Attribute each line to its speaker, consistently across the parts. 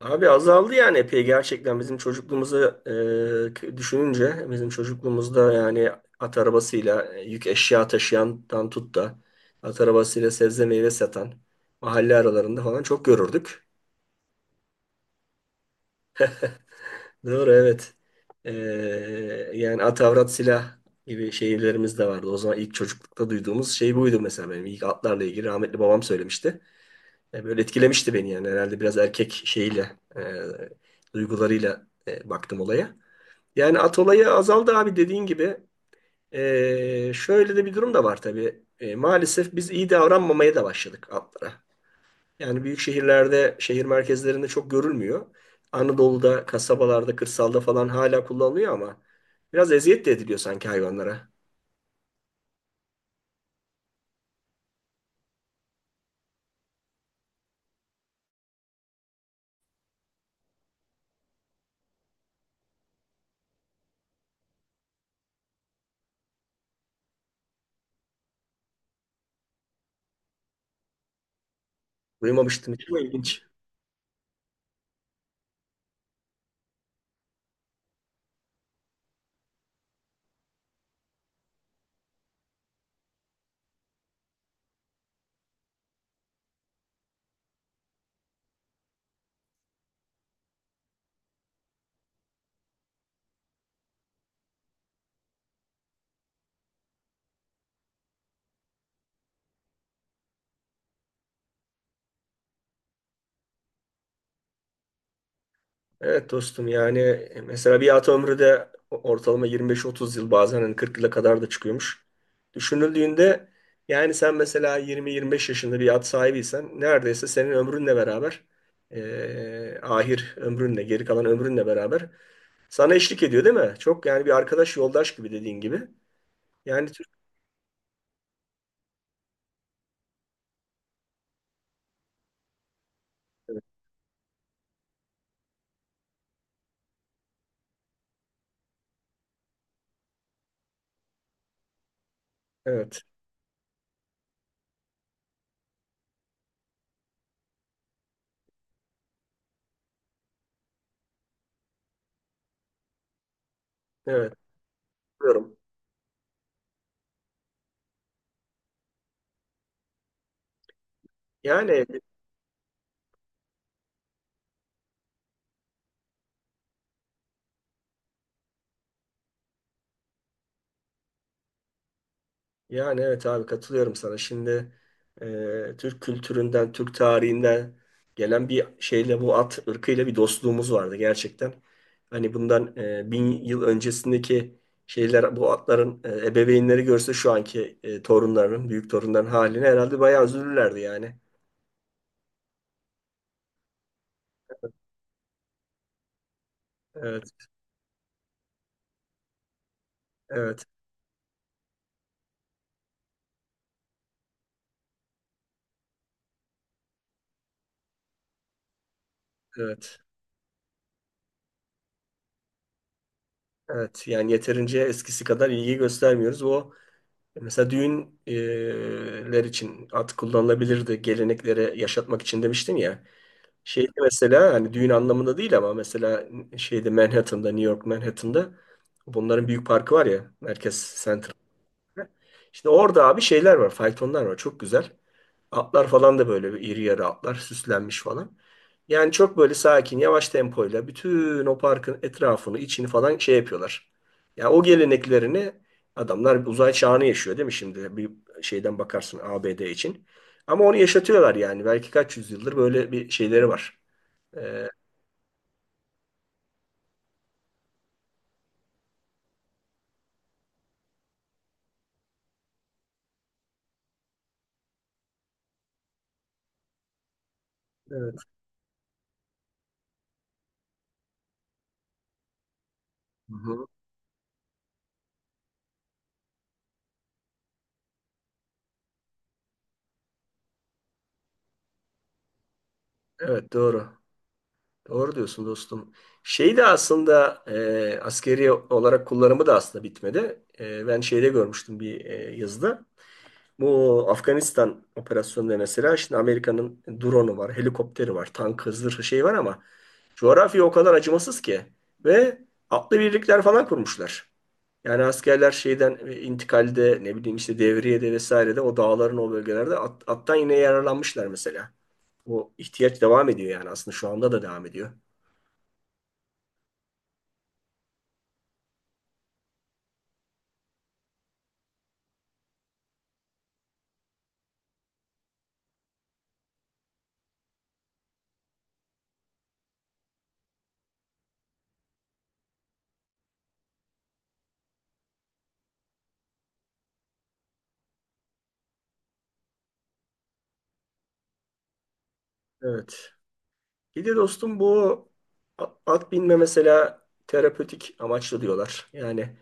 Speaker 1: Abi azaldı yani epey gerçekten bizim çocukluğumuzu düşününce bizim çocukluğumuzda yani at arabasıyla yük eşya taşıyandan tut da at arabasıyla sebze meyve satan mahalle aralarında falan çok görürdük. Doğru, evet. E, Yani at avrat silah gibi şeylerimiz de vardı. O zaman ilk çocuklukta duyduğumuz şey buydu, mesela benim ilk atlarla ilgili rahmetli babam söylemişti. Böyle etkilemişti beni yani, herhalde biraz erkek şeyiyle, duygularıyla baktım olaya. Yani at olayı azaldı abi, dediğin gibi. Şöyle de bir durum da var tabii. Maalesef biz iyi davranmamaya da başladık atlara. Yani büyük şehirlerde, şehir merkezlerinde çok görülmüyor. Anadolu'da, kasabalarda, kırsalda falan hala kullanılıyor ama biraz eziyet de ediliyor sanki hayvanlara. Duymamıştım. Çok ilginç. Evet dostum, yani mesela bir at ömrü de ortalama 25-30 yıl, bazen hani 40 yıla kadar da çıkıyormuş. Düşünüldüğünde yani sen mesela 20-25 yaşında bir at sahibiysen, neredeyse senin ömrünle beraber, ahir ömrünle, geri kalan ömrünle beraber sana eşlik ediyor değil mi? Çok yani, bir arkadaş, yoldaş gibi, dediğin gibi. Yani Türk- evet, evet, biliyorum. Yani evet abi, katılıyorum sana. Şimdi Türk kültüründen, Türk tarihinden gelen bir şeyle, bu at ırkıyla bir dostluğumuz vardı gerçekten. Hani bundan bin yıl öncesindeki şeyler, bu atların ebeveynleri görse şu anki torunların, büyük torunların haline herhalde bayağı üzülürlerdi yani. Evet, evet, evet. Evet, yani yeterince eskisi kadar ilgi göstermiyoruz. O, mesela düğünler için at kullanılabilirdi. Geleneklere yaşatmak için demiştim ya. Şeyde mesela, hani düğün anlamında değil ama mesela şeyde Manhattan'da, New York Manhattan'da bunların büyük parkı var ya, Merkez Center. Şimdi orada abi şeyler var, faytonlar var. Çok güzel. Atlar falan da böyle iri yarı atlar, süslenmiş falan. Yani çok böyle sakin, yavaş tempoyla bütün o parkın etrafını, içini falan şey yapıyorlar. Ya o geleneklerini, adamlar uzay çağını yaşıyor değil mi şimdi? Bir şeyden bakarsın ABD için. Ama onu yaşatıyorlar yani. Belki kaç yüzyıldır böyle bir şeyleri var. Ee, Evet. Hı hı. Evet, doğru. Doğru diyorsun dostum. Şey de aslında askeri olarak kullanımı da aslında bitmedi. E, ben şeyde görmüştüm bir yazıda. Bu Afganistan operasyonunda mesela şimdi Amerika'nın drone'u var, helikopteri var, tank hızlı şey var ama coğrafya o kadar acımasız ki, ve atlı birlikler falan kurmuşlar. Yani askerler şeyden intikalde, ne bileyim işte devriyede, vesairede o dağların, o bölgelerde attan yine yararlanmışlar mesela. Bu ihtiyaç devam ediyor yani, aslında şu anda da devam ediyor. Evet. Bir de dostum bu at binme mesela terapötik amaçlı diyorlar. Yani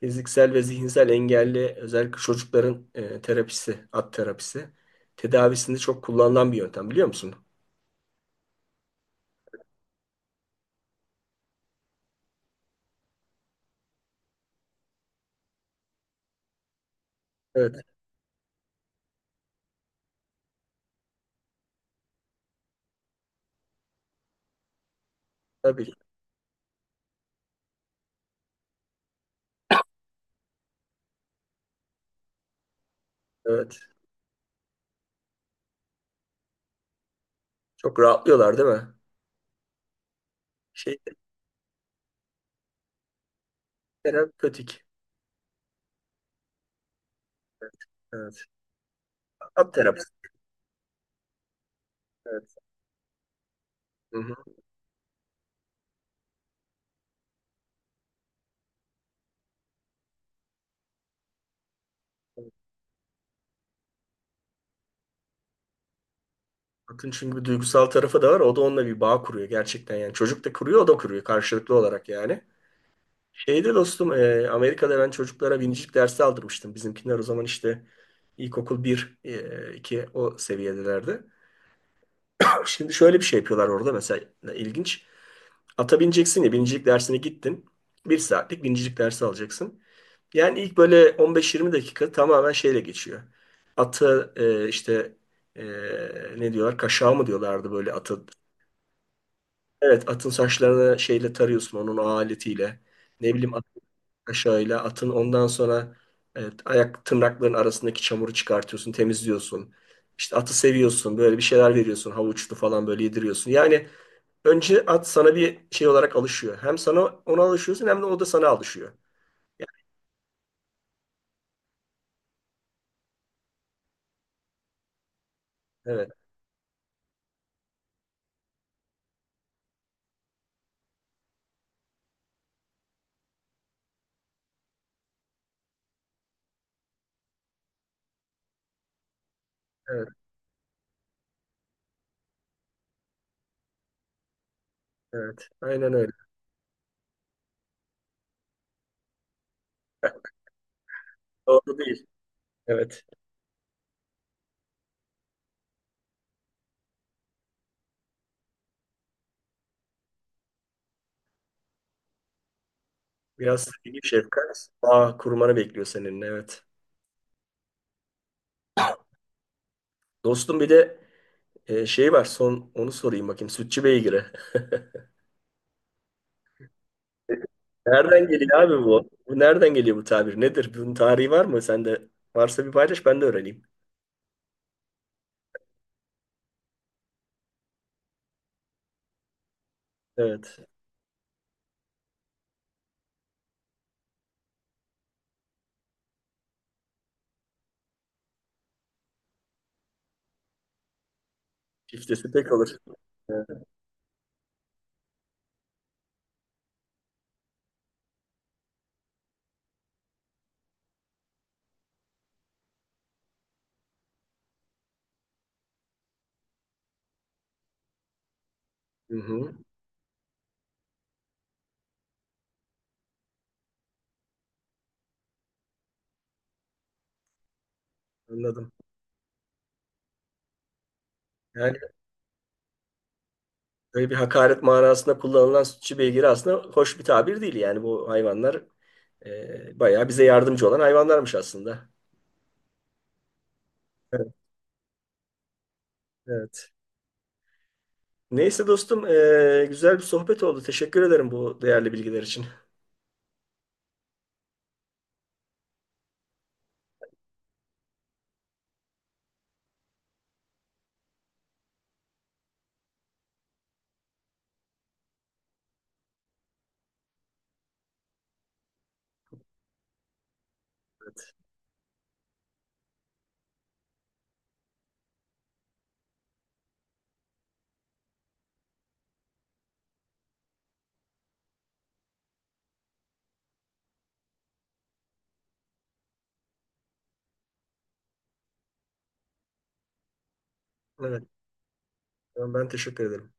Speaker 1: fiziksel ve zihinsel engelli özellikle çocukların terapisi, at terapisi tedavisinde çok kullanılan bir yöntem, biliyor musun? Evet, tabii. Evet. Çok rahatlıyorlar değil mi? Şey, terapötik. Evet. At terapisi. Evet. Hı hı. Atın çünkü bir duygusal tarafı da var. O da onunla bir bağ kuruyor gerçekten yani. Çocuk da kuruyor, o da kuruyor karşılıklı olarak yani. Şeyde dostum, Amerika'da ben çocuklara binicilik dersi aldırmıştım. Bizimkiler o zaman işte ilkokul 1, 2 o seviyedelerdi. Şimdi şöyle bir şey yapıyorlar orada, mesela ilginç. Ata bineceksin ya, binicilik dersine gittin. Bir saatlik binicilik dersi alacaksın. Yani ilk böyle 15-20 dakika tamamen şeyle geçiyor. Atı işte e, ne diyorlar? Kaşağı mı diyorlardı böyle atı? Evet, atın saçlarını şeyle tarıyorsun, onun o aletiyle. Ne bileyim at Şöyle atın ondan sonra, evet, ayak tırnakların arasındaki çamuru çıkartıyorsun, temizliyorsun. İşte atı seviyorsun, böyle bir şeyler veriyorsun, havuçlu falan böyle yediriyorsun. Yani önce at sana bir şey olarak alışıyor. Hem sana, ona alışıyorsun, hem de o da sana alışıyor. Evet, evet, evet. Aynen öyle. Doğru değil. Evet. Biraz sevgi, şefkat, bağ kurmanı bekliyor senin. Evet. Dostum bir de şey var. Son onu sorayım bakayım. Sütçü beygiri. Nereden geliyor abi bu? Bu nereden geliyor, bu tabir? Nedir? Bunun tarihi var mı? Sen de varsa bir paylaş, ben de öğreneyim. Evet. Çiftesi pek olur. Evet. Hı-hı. Anladım. Yani böyle bir hakaret manasında kullanılan sütçü beygiri aslında hoş bir tabir değil. Yani bu hayvanlar bayağı bize yardımcı olan hayvanlarmış aslında. Evet. Evet. Neyse dostum, güzel bir sohbet oldu. Teşekkür ederim bu değerli bilgiler için. Evet. Ben teşekkür ederim.